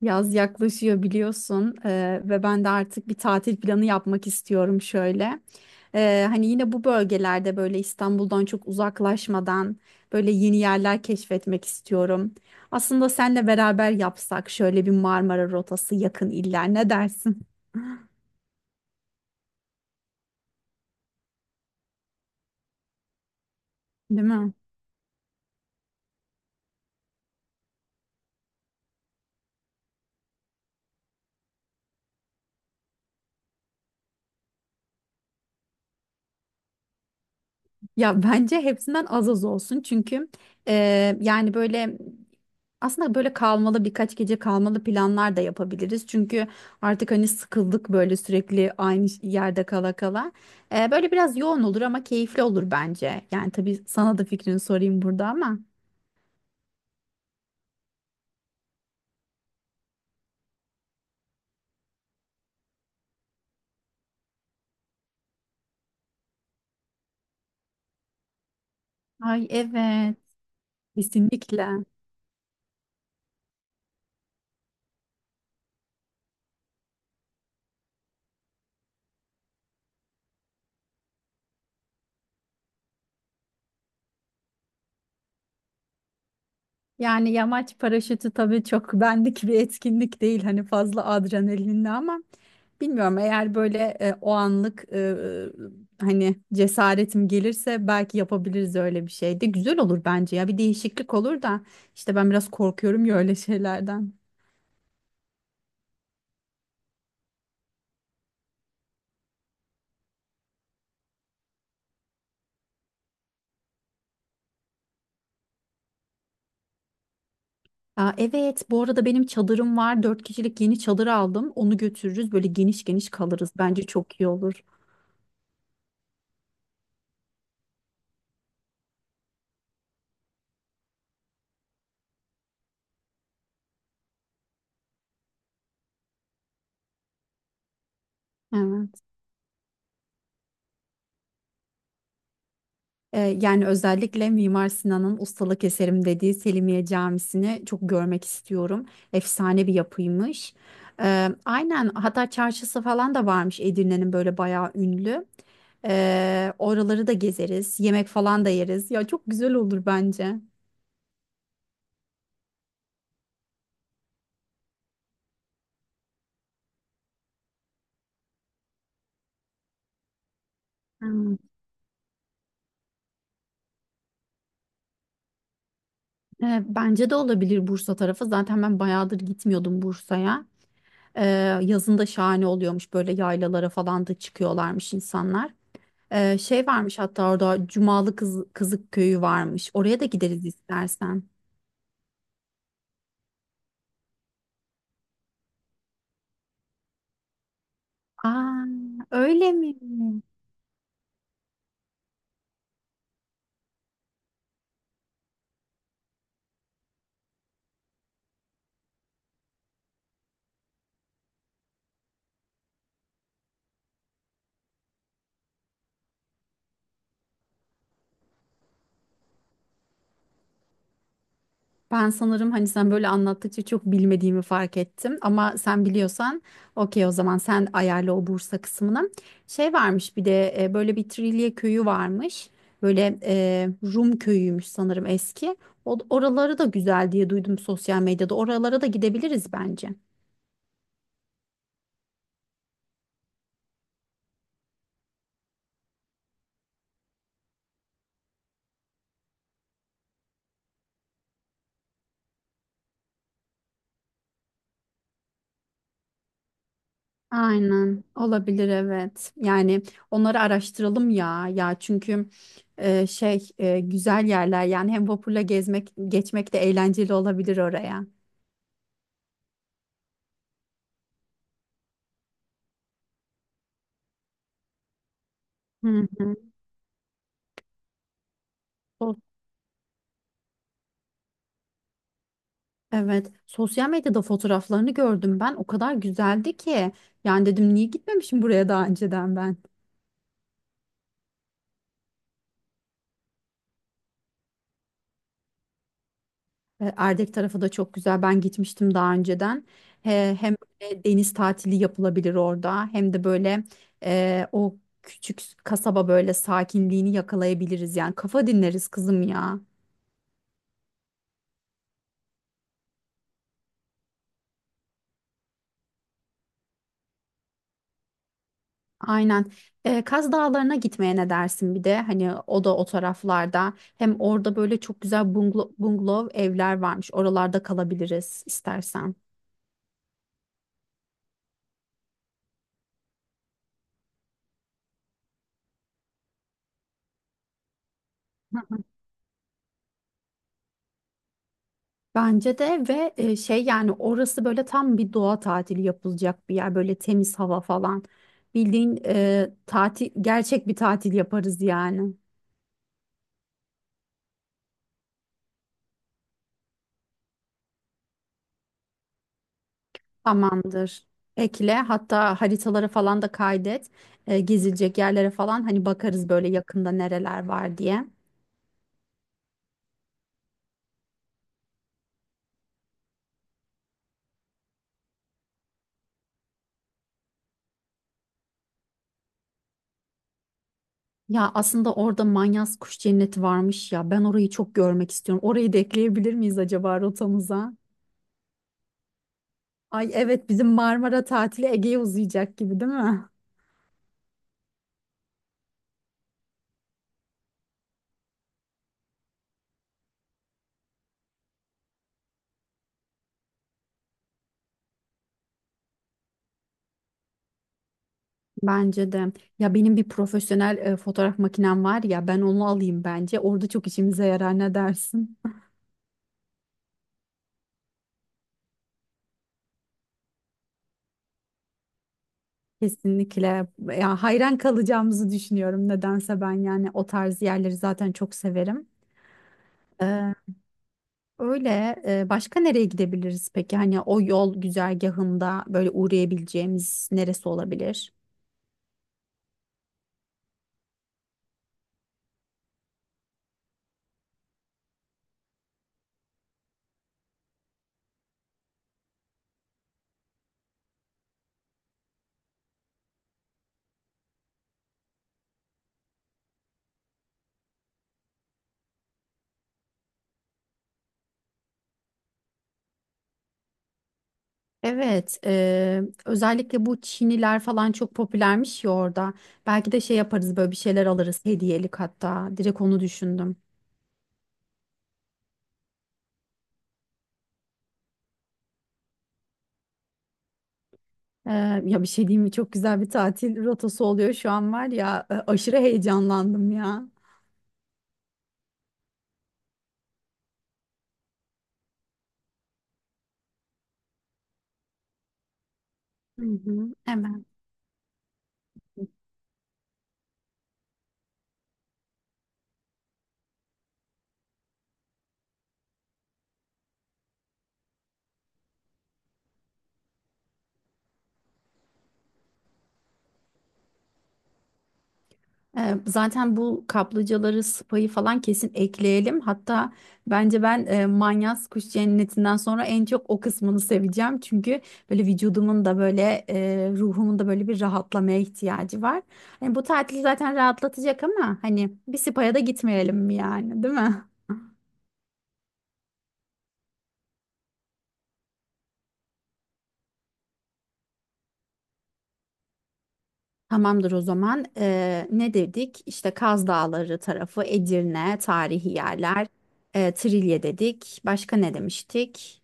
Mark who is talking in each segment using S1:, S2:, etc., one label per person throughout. S1: Yaz yaklaşıyor biliyorsun ve ben de artık bir tatil planı yapmak istiyorum şöyle. Hani yine bu bölgelerde böyle İstanbul'dan çok uzaklaşmadan böyle yeni yerler keşfetmek istiyorum. Aslında senle beraber yapsak şöyle bir Marmara rotası yakın iller ne dersin? Değil mi? Ya bence hepsinden az az olsun çünkü e, yani böyle aslında böyle kalmalı birkaç gece kalmalı planlar da yapabiliriz. Çünkü artık hani sıkıldık böyle sürekli aynı yerde kala kala. Böyle biraz yoğun olur ama keyifli olur bence. Yani tabii sana da fikrini sorayım burada ama. Ay, evet, kesinlikle. Yani yamaç paraşütü tabii çok bendik bir etkinlik değil, hani fazla adrenalinli ama. Bilmiyorum, eğer böyle o anlık hani cesaretim gelirse belki yapabiliriz, öyle bir şey de güzel olur bence ya, bir değişiklik olur da işte ben biraz korkuyorum ya öyle şeylerden. Aa, evet, bu arada benim çadırım var, 4 kişilik yeni çadır aldım, onu götürürüz böyle geniş geniş kalırız, bence çok iyi olur. Evet. Yani özellikle Mimar Sinan'ın ustalık eserim dediği Selimiye Camisi'ni çok görmek istiyorum. Efsane bir yapıymış. Aynen, hatta çarşısı falan da varmış Edirne'nin, böyle bayağı ünlü. Oraları da gezeriz. Yemek falan da yeriz. Ya çok güzel olur bence. Hmm. Bence de olabilir Bursa tarafı. Zaten ben bayağıdır gitmiyordum Bursa'ya. Ee, Yazın da şahane oluyormuş, böyle yaylalara falan da çıkıyorlarmış insanlar. Şey varmış hatta orada, Cumalı Kız, Kızık Köyü varmış. Oraya da gideriz istersen. Aa, öyle mi? Ben sanırım, hani sen böyle anlattıkça çok bilmediğimi fark ettim. Ama sen biliyorsan okey, o zaman sen ayarla o Bursa kısmını. Şey varmış bir de, böyle bir Trilye köyü varmış. Böyle Rum köyüymüş sanırım eski. Oraları da güzel diye duydum sosyal medyada. Oralara da gidebiliriz bence. Aynen, olabilir, evet. Yani onları araştıralım ya çünkü güzel yerler, yani hem vapurla gezmek geçmek de eğlenceli olabilir oraya. Hı hı. Sos- Evet, sosyal medyada fotoğraflarını gördüm, ben o kadar güzeldi ki yani dedim niye gitmemişim buraya daha önceden ben. E, Erdek tarafı da çok güzel. Ben gitmiştim daha önceden. Hem böyle deniz tatili yapılabilir orada, hem de böyle o küçük kasaba böyle sakinliğini yakalayabiliriz. Yani kafa dinleriz kızım ya. Aynen. E, Kaz Dağları'na gitmeye ne dersin bir de? Hani o da o taraflarda. Hem orada böyle çok güzel bungalov evler varmış. Oralarda kalabiliriz istersen. Bence de. Ve şey, yani orası böyle tam bir doğa tatili yapılacak bir yer, böyle temiz hava falan, bildiğin tatil, gerçek bir tatil yaparız yani. Tamamdır, ekle hatta, haritalara falan da kaydet. Gezilecek yerlere falan hani bakarız, böyle yakında nereler var diye. Ya aslında orada Manyas Kuş Cenneti varmış ya, ben orayı çok görmek istiyorum, orayı da ekleyebilir miyiz acaba rotamıza? Ay evet, bizim Marmara tatili Ege'ye uzayacak gibi, değil mi? Bence de. Ya benim bir profesyonel fotoğraf makinem var ya, ben onu alayım bence. Orada çok işimize yarar, ne dersin? Kesinlikle. Ya hayran kalacağımızı düşünüyorum nedense ben, yani o tarz yerleri zaten çok severim. Ee, Öyle başka nereye gidebiliriz peki? Hani o yol güzergahında böyle uğrayabileceğimiz neresi olabilir? Evet, özellikle bu çiniler falan çok popülermiş ya orada. Belki de şey yaparız, böyle bir şeyler alırız hediyelik hatta. Direkt onu düşündüm. Ya bir şey diyeyim mi? Çok güzel bir tatil rotası oluyor şu an, var ya. Aşırı heyecanlandım ya. Hı hı, evet. Zaten bu kaplıcaları, spayı falan kesin ekleyelim. Hatta bence ben Manyas Kuş Cenneti'nden sonra en çok o kısmını seveceğim. Çünkü böyle vücudumun da böyle ruhumun da böyle bir rahatlamaya ihtiyacı var. Hani bu tatil zaten rahatlatacak ama hani bir spaya da gitmeyelim mi yani, değil mi? Tamamdır o zaman. Ne dedik? İşte Kaz Dağları tarafı, Edirne, tarihi yerler, Trilye dedik. Başka ne demiştik?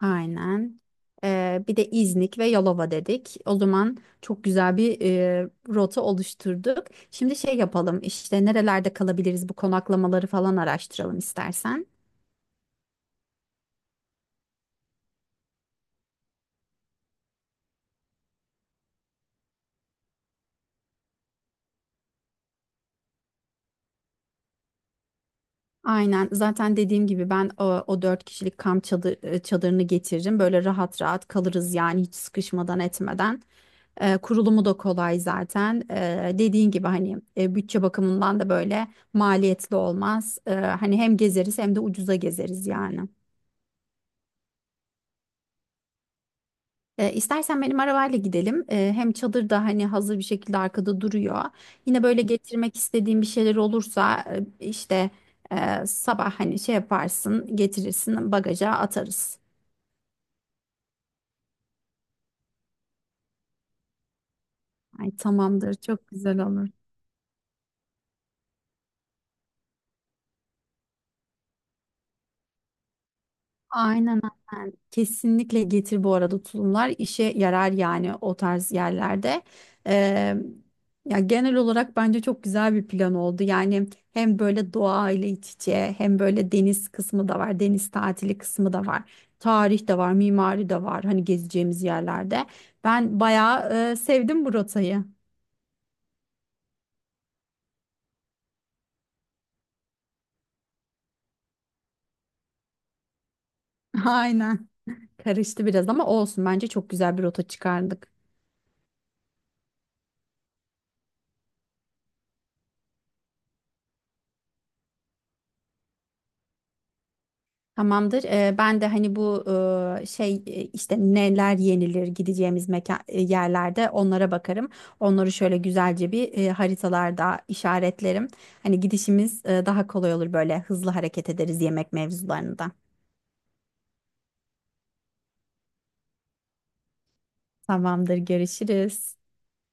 S1: Aynen. Bir de İznik ve Yalova dedik. O zaman çok güzel bir rota oluşturduk. Şimdi şey yapalım, işte nerelerde kalabiliriz, bu konaklamaları falan araştıralım istersen. Aynen, zaten dediğim gibi ben o 4 kişilik kamp çadırını getiririm. Böyle rahat rahat kalırız, yani hiç sıkışmadan etmeden. E, kurulumu da kolay zaten. E, dediğin gibi, hani bütçe bakımından da böyle maliyetli olmaz. E, hani hem gezeriz hem de ucuza gezeriz yani. E, istersen benim arabayla gidelim. E, hem çadır da hani hazır bir şekilde arkada duruyor. Yine böyle getirmek istediğim bir şeyler olursa e, işte sabah hani şey yaparsın getirirsin, bagaja atarız. Ay tamamdır, çok güzel olur. Aynen aynen. Kesinlikle getir bu arada, tulumlar işe yarar yani o tarz yerlerde. Ee, Ya genel olarak bence çok güzel bir plan oldu. Yani hem böyle doğa ile iç içe, hem böyle deniz kısmı da var. Deniz tatili kısmı da var. Tarih de var, mimari de var, hani gezeceğimiz yerlerde. Ben bayağı sevdim bu rotayı. Aynen. Karıştı biraz ama olsun. Bence çok güzel bir rota çıkardık. Tamamdır. Ben de hani bu işte neler yenilir, gideceğimiz mekan yerlerde, onlara bakarım. Onları şöyle güzelce bir haritalarda işaretlerim. Hani gidişimiz daha kolay olur, böyle hızlı hareket ederiz yemek mevzularında. Tamamdır. Görüşürüz.